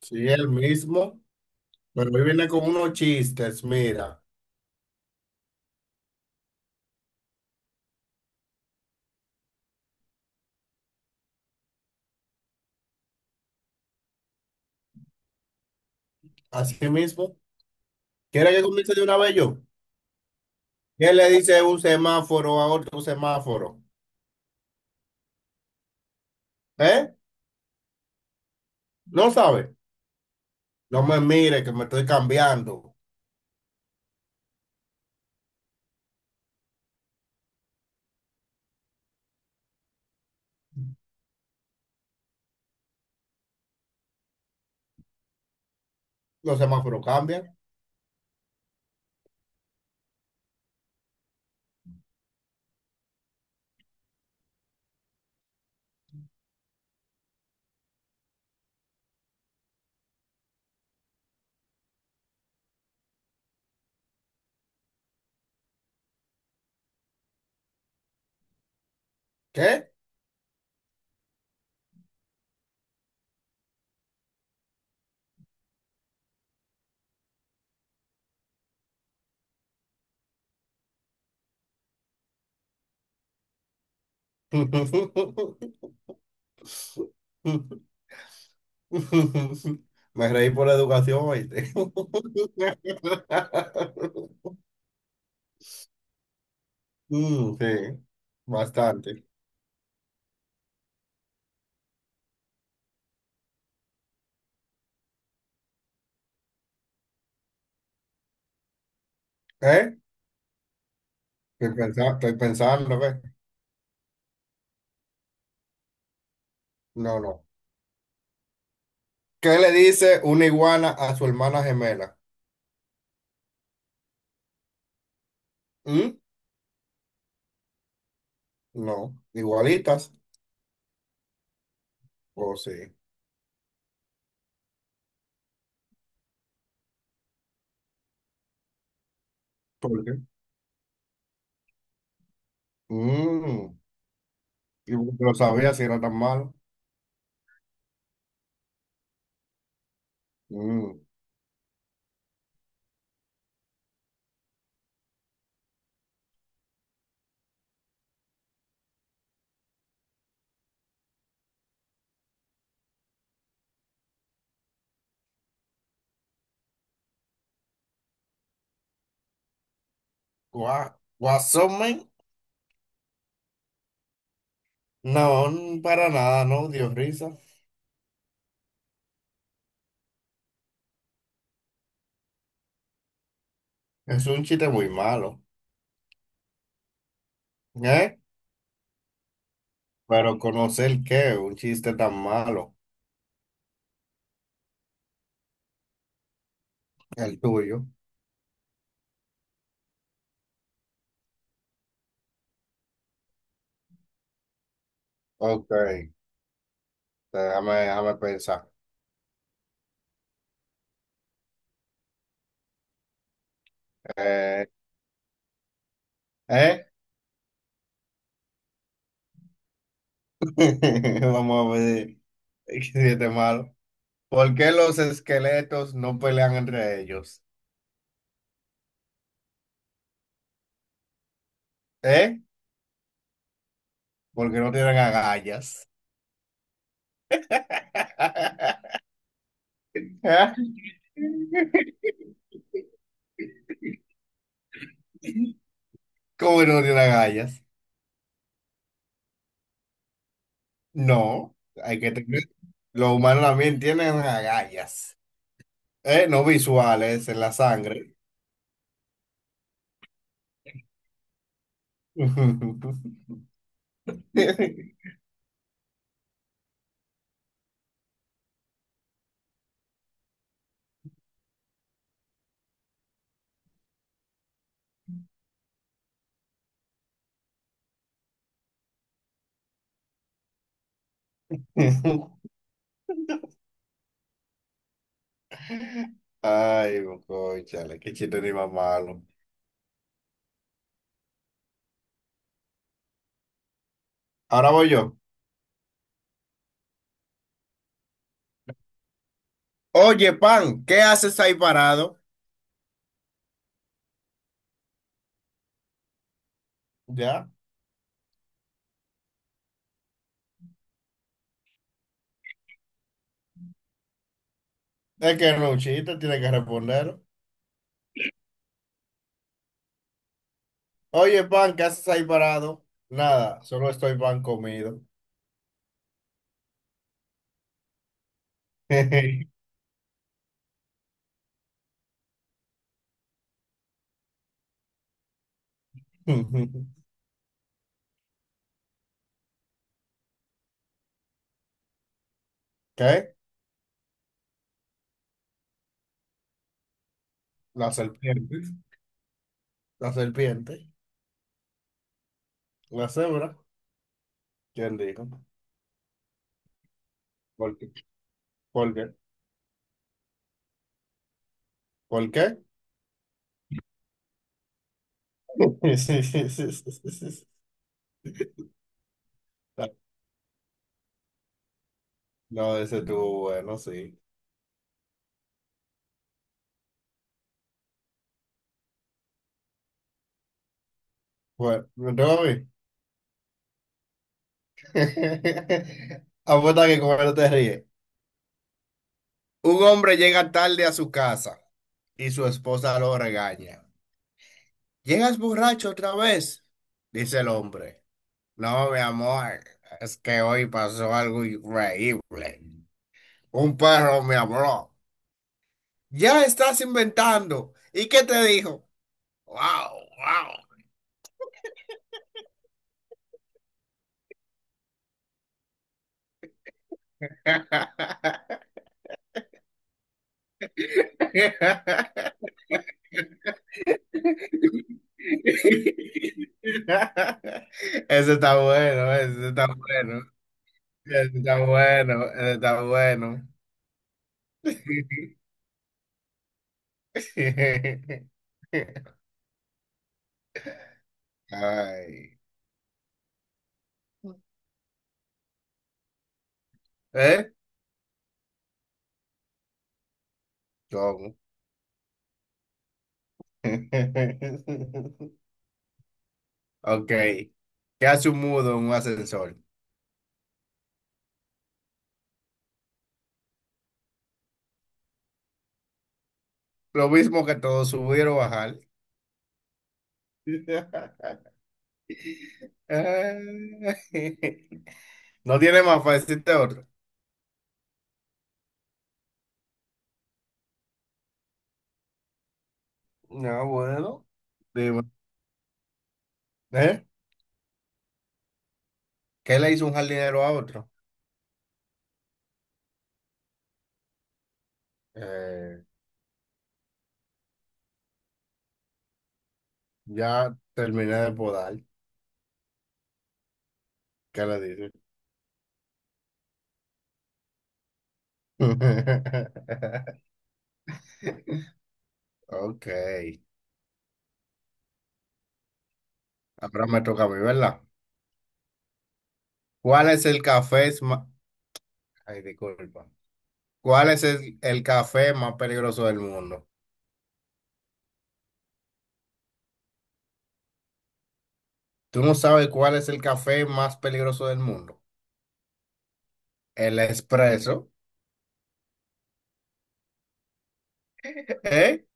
Sí, el mismo, pero hoy viene con unos chistes, mira, así mismo. ¿Quiere que comience de una vez yo? ¿Qué le dice un semáforo a otro semáforo? ¿Eh? ¿No sabe? No me mire que me estoy cambiando. Los semáforos cambian. ¿Qué? Me reí por la educación, ¿oíste? Mm, sí, bastante. ¿Eh? Estoy pensando, ¿ves? No, no. ¿Qué le dice una iguana a su hermana gemela? ¿Mm? No, igualitas. O sí. ¿Por qué? Mm, y porque lo sabía si era tan malo. Mm. Gua- ¿Guasón, men? No, para nada, no, Dios risa. Es un chiste muy malo. ¿Eh? Pero conocer qué, un chiste tan malo. El tuyo. Ok, déjame pensar. Eh, ¿Eh? Vamos a ver. ¿Qué chiste malo? ¿Por qué los esqueletos no pelean entre ellos? ¿Eh? Porque no tienen agallas. ¿Cómo que no tienen agallas? No, hay que tener. Los humanos también tienen agallas. ¿Eh? No visuales en la sangre. Ay, cónchale, qué chiste ni más malo. Ahora voy yo. Oye, pan, ¿qué haces ahí parado? Ya. Es que no es un chiste, tiene que responder. Oye, pan, ¿qué haces ahí parado? Nada, solo estoy pan comido. ¿Qué? Las serpientes, la serpiente, la cebra. ¿Quién dijo? ¿Por qué? ¿Por qué? ¿Por qué? Sí, sí, sí, sí, sí, sí. No, ese estuvo bueno, sí. Bueno, me tengo a mí. Apuesta que con él te ríes. Un hombre llega tarde a su casa y su esposa lo regaña. ¿Llegas borracho otra vez? Dice el hombre. No, mi amor, es que hoy pasó algo increíble. Un perro me habló. Ya estás inventando. ¿Y qué te dijo? Wow, wow. Ese está bueno, ese está bueno. Ese está bueno, ese está bueno. Ay. ¿Eh? ¿Cómo? Ok. ¿Qué hace un mudo en un ascensor? Lo mismo que todo subir o bajar. Ay. No tiene más fácil de otro. No, bueno. Digo, ¿eh? ¿Qué le hizo un jardinero a otro? Eh, ya terminé de podar. ¿Qué le dice? Ok. Ahora me toca a mí, ¿verdad? ¿Cuál es el café más... Ay, disculpa. ¿Cuál es el café más peligroso del mundo? Tú no sabes cuál es el café más peligroso del mundo. El espresso. ¿Eh?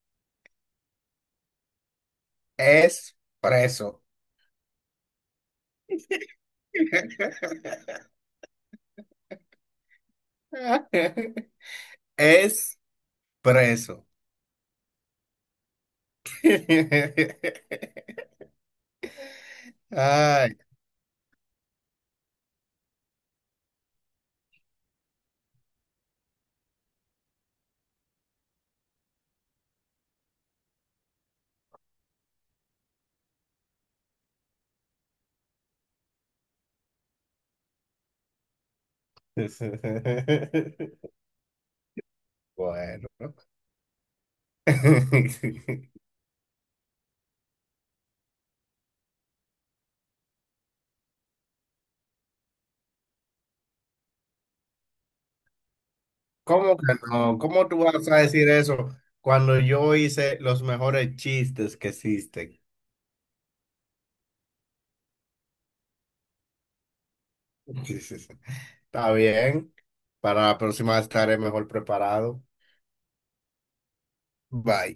Espresso. Es Ay. Bueno. ¿Cómo que no? ¿Cómo tú vas a decir eso cuando yo hice los mejores chistes que existen? Está bien. Para la próxima estaré mejor preparado. Bye.